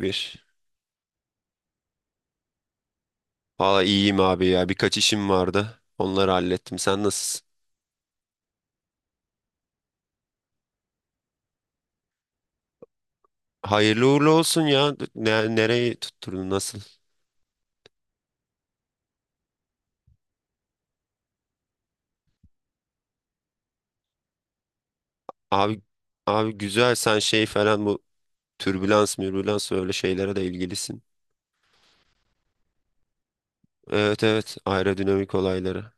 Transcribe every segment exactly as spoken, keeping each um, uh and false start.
Bir. Valla iyiyim abi ya. Birkaç işim vardı. Onları hallettim. Sen nasılsın? Hayırlı uğurlu olsun ya. Ne, nereyi tutturdun? Nasıl? Abi abi güzel. Sen şey falan bu türbülans, mürbülans öyle şeylere de ilgilisin. Evet, evet. Aerodinamik olayları.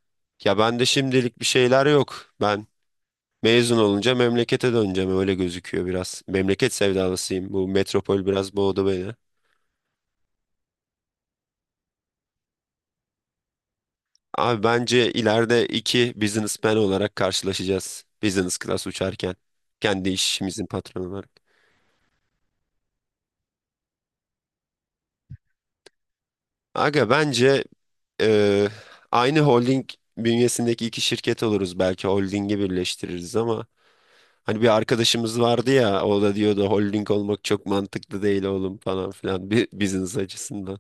Ya ben de şimdilik bir şeyler yok. Ben mezun olunca memlekete döneceğim. Öyle gözüküyor biraz. Memleket sevdalısıyım. Bu metropol biraz boğdu beni. Abi bence ileride iki businessman olarak karşılaşacağız. Business class uçarken. Kendi işimizin patronu olarak. Aga bence e, aynı holding bünyesindeki iki şirket oluruz. Belki holdingi birleştiririz ama hani bir arkadaşımız vardı ya o da diyordu holding olmak çok mantıklı değil oğlum falan filan bir business açısından.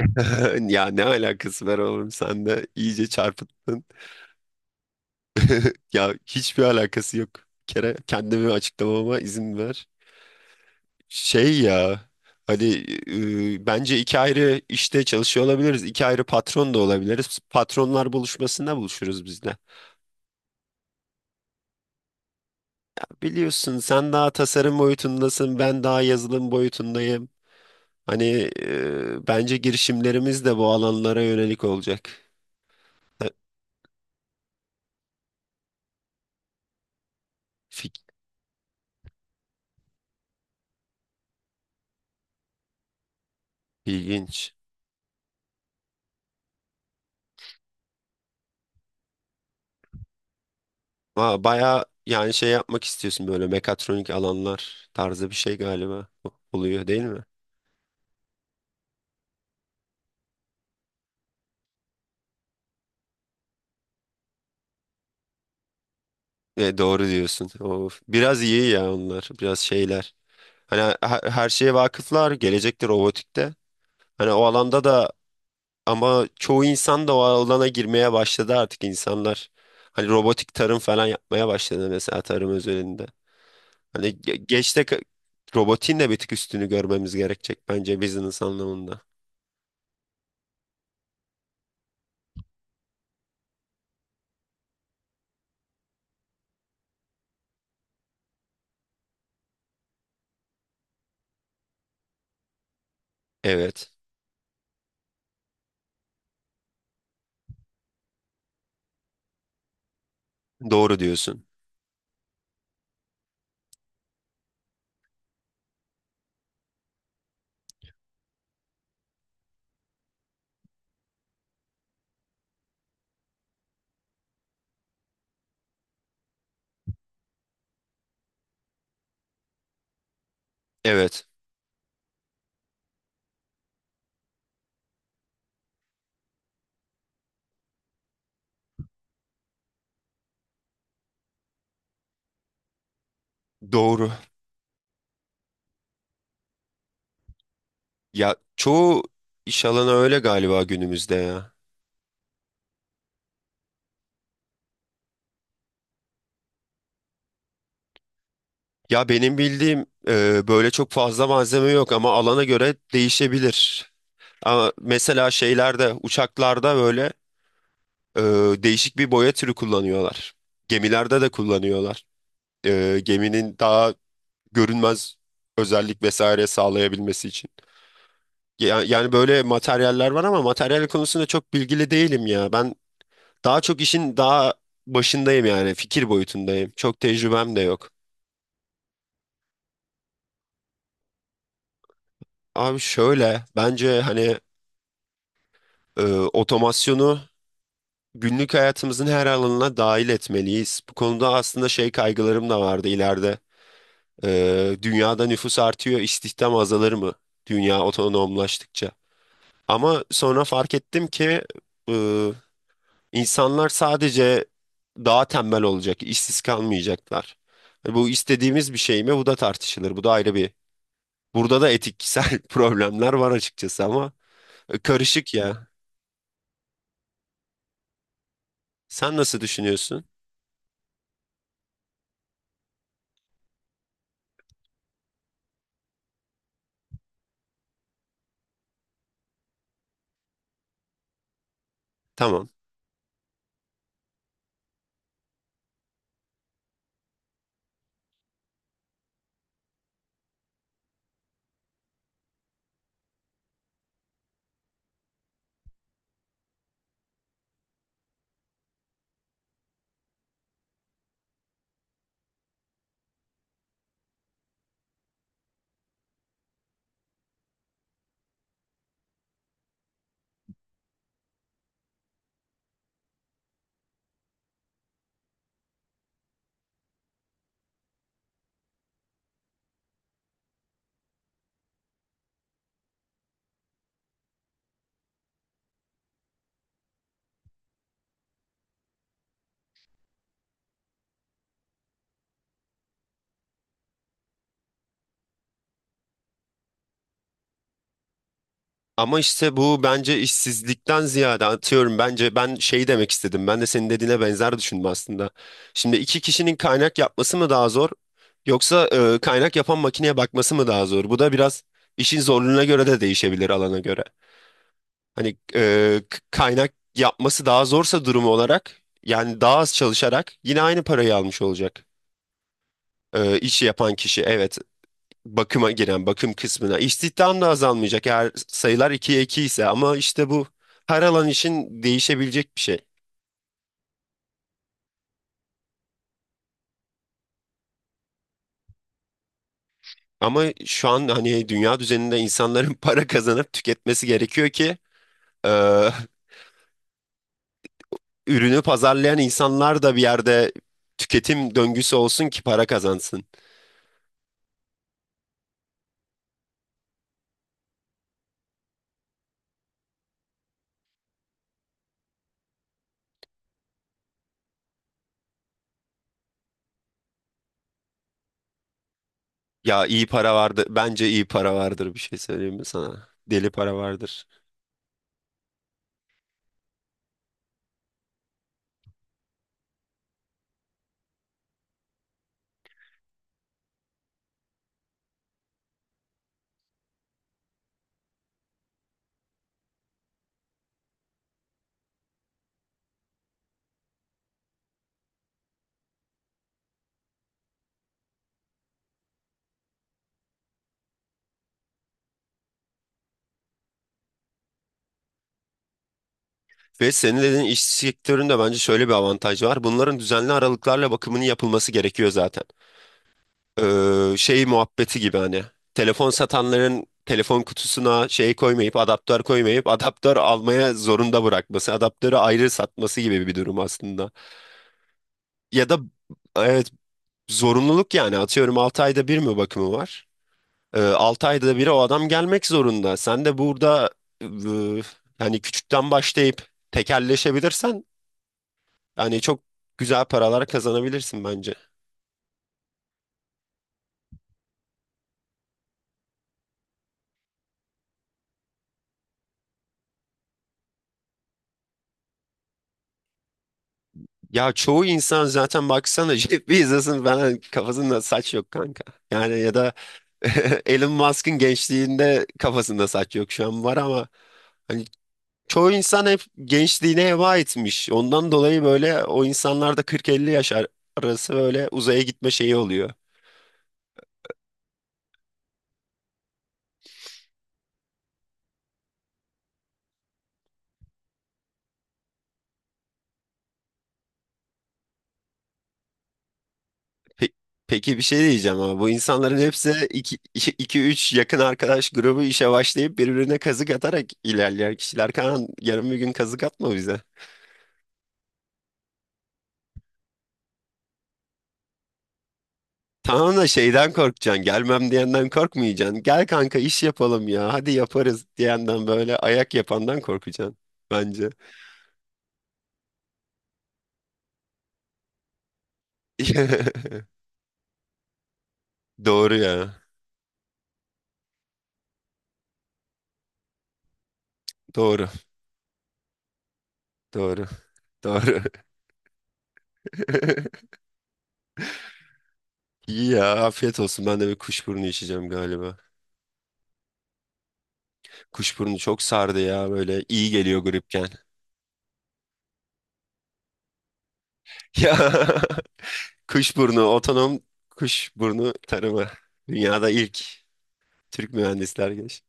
Ya ne alakası var oğlum sen de iyice çarpıttın. Ya hiçbir alakası yok. Bir kere kendimi açıklamama izin ver. Şey ya hani e, bence iki ayrı işte çalışıyor olabiliriz. İki ayrı patron da olabiliriz. Patronlar buluşmasında buluşuruz biz de. Biliyorsun sen daha tasarım boyutundasın, ben daha yazılım boyutundayım. Hani e, bence girişimlerimiz de bu alanlara yönelik olacak. E, fik- İlginç. Aa, bayağı yani şey yapmak istiyorsun böyle mekatronik alanlar tarzı bir şey galiba oluyor değil mi? E, doğru diyorsun. Of, biraz iyi ya onlar. Biraz şeyler. Hani he- her şeye vakıflar, gelecekte robotikte. Hani o alanda da ama çoğu insan da o alana girmeye başladı artık insanlar. Hani robotik tarım falan yapmaya başladı mesela tarım özelinde. Hani ge- geçte ka- robotin de bir tık üstünü görmemiz gerekecek bence business anlamında. Evet. Doğru diyorsun. Evet. Doğru. Ya çoğu iş alanı öyle galiba günümüzde ya. Ya benim bildiğim e, böyle çok fazla malzeme yok ama alana göre değişebilir. Ama mesela şeylerde, uçaklarda böyle e, değişik bir boya türü kullanıyorlar. Gemilerde de kullanıyorlar. E, geminin daha görünmez özellik vesaire sağlayabilmesi için. Ya- Yani, böyle materyaller var ama materyal konusunda çok bilgili değilim ya. Ben daha çok işin daha başındayım yani fikir boyutundayım. Çok tecrübem de yok. Abi şöyle bence hani e, otomasyonu günlük hayatımızın her alanına dahil etmeliyiz. Bu konuda aslında şey kaygılarım da vardı ileride. Ee, dünyada nüfus artıyor, istihdam azalır mı? Dünya otonomlaştıkça. Ama sonra fark ettim ki e, insanlar sadece daha tembel olacak, işsiz kalmayacaklar. E, Bu istediğimiz bir şey mi? Bu da tartışılır. Bu da ayrı bir. Burada da etiksel problemler var açıkçası ama e, karışık ya. Sen nasıl düşünüyorsun? Tamam. Ama işte bu bence işsizlikten ziyade atıyorum bence ben şey demek istedim. Ben de senin dediğine benzer düşündüm aslında. Şimdi iki kişinin kaynak yapması mı daha zor yoksa e, kaynak yapan makineye bakması mı daha zor? Bu da biraz işin zorluğuna göre de değişebilir alana göre. Hani e, k- kaynak yapması daha zorsa durumu olarak yani daha az çalışarak yine aynı parayı almış olacak e, işi yapan kişi. Evet, bakıma giren bakım kısmına istihdam da azalmayacak eğer sayılar ikiye iki ise ama işte bu her alan için değişebilecek bir şey. Ama şu an hani dünya düzeninde insanların para kazanıp tüketmesi gerekiyor ki e, ürünü pazarlayan insanlar da bir yerde tüketim döngüsü olsun ki para kazansın. Ya iyi para vardı. Bence iyi para vardır bir şey söyleyeyim mi sana? Deli para vardır. Ve senin dediğin iş sektöründe bence şöyle bir avantaj var. Bunların düzenli aralıklarla bakımının yapılması gerekiyor zaten. E, şey muhabbeti gibi hani telefon satanların telefon kutusuna şey koymayıp adaptör koymayıp adaptör almaya zorunda bırakması, adaptörü ayrı satması gibi bir durum aslında. Ya da evet, zorunluluk yani atıyorum altı ayda bir mi bakımı var? E, altı ayda bir o adam gelmek zorunda. Sen de burada e, hani küçükten başlayıp tekelleşebilirsen yani çok güzel paralar kazanabilirsin bence. Ya çoğu insan zaten baksana Jeff Bezos'un falan kafasında saç yok kanka. Yani ya da Elon Musk'ın gençliğinde kafasında saç yok şu an var ama hani çoğu insan hep gençliğine heba etmiş. Ondan dolayı böyle o insanlar da kırk elli yaş ar- arası böyle uzaya gitme şeyi oluyor. Pe- Peki bir şey diyeceğim ama bu insanların hepsi iki üç yakın arkadaş grubu işe başlayıp birbirine kazık atarak ilerleyen kişiler. Kaan yarın bir gün kazık atma bize. Tamam da şeyden korkacaksın, gelmem diyenden korkmayacaksın. Gel kanka iş yapalım ya, hadi yaparız diyenden böyle ayak yapandan korkacaksın bence. Doğru ya, doğru, doğru. Doğru. İyi ya afiyet olsun. Ben de bir kuşburnu içeceğim galiba. Kuşburnu çok sardı ya böyle iyi geliyor gripken. Ya kuşburnu otonom kuşburnu tarımı. Dünyada ilk Türk mühendisler geç.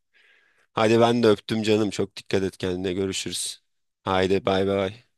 Hadi ben de öptüm canım. Çok dikkat et kendine görüşürüz. Haydi bay bay.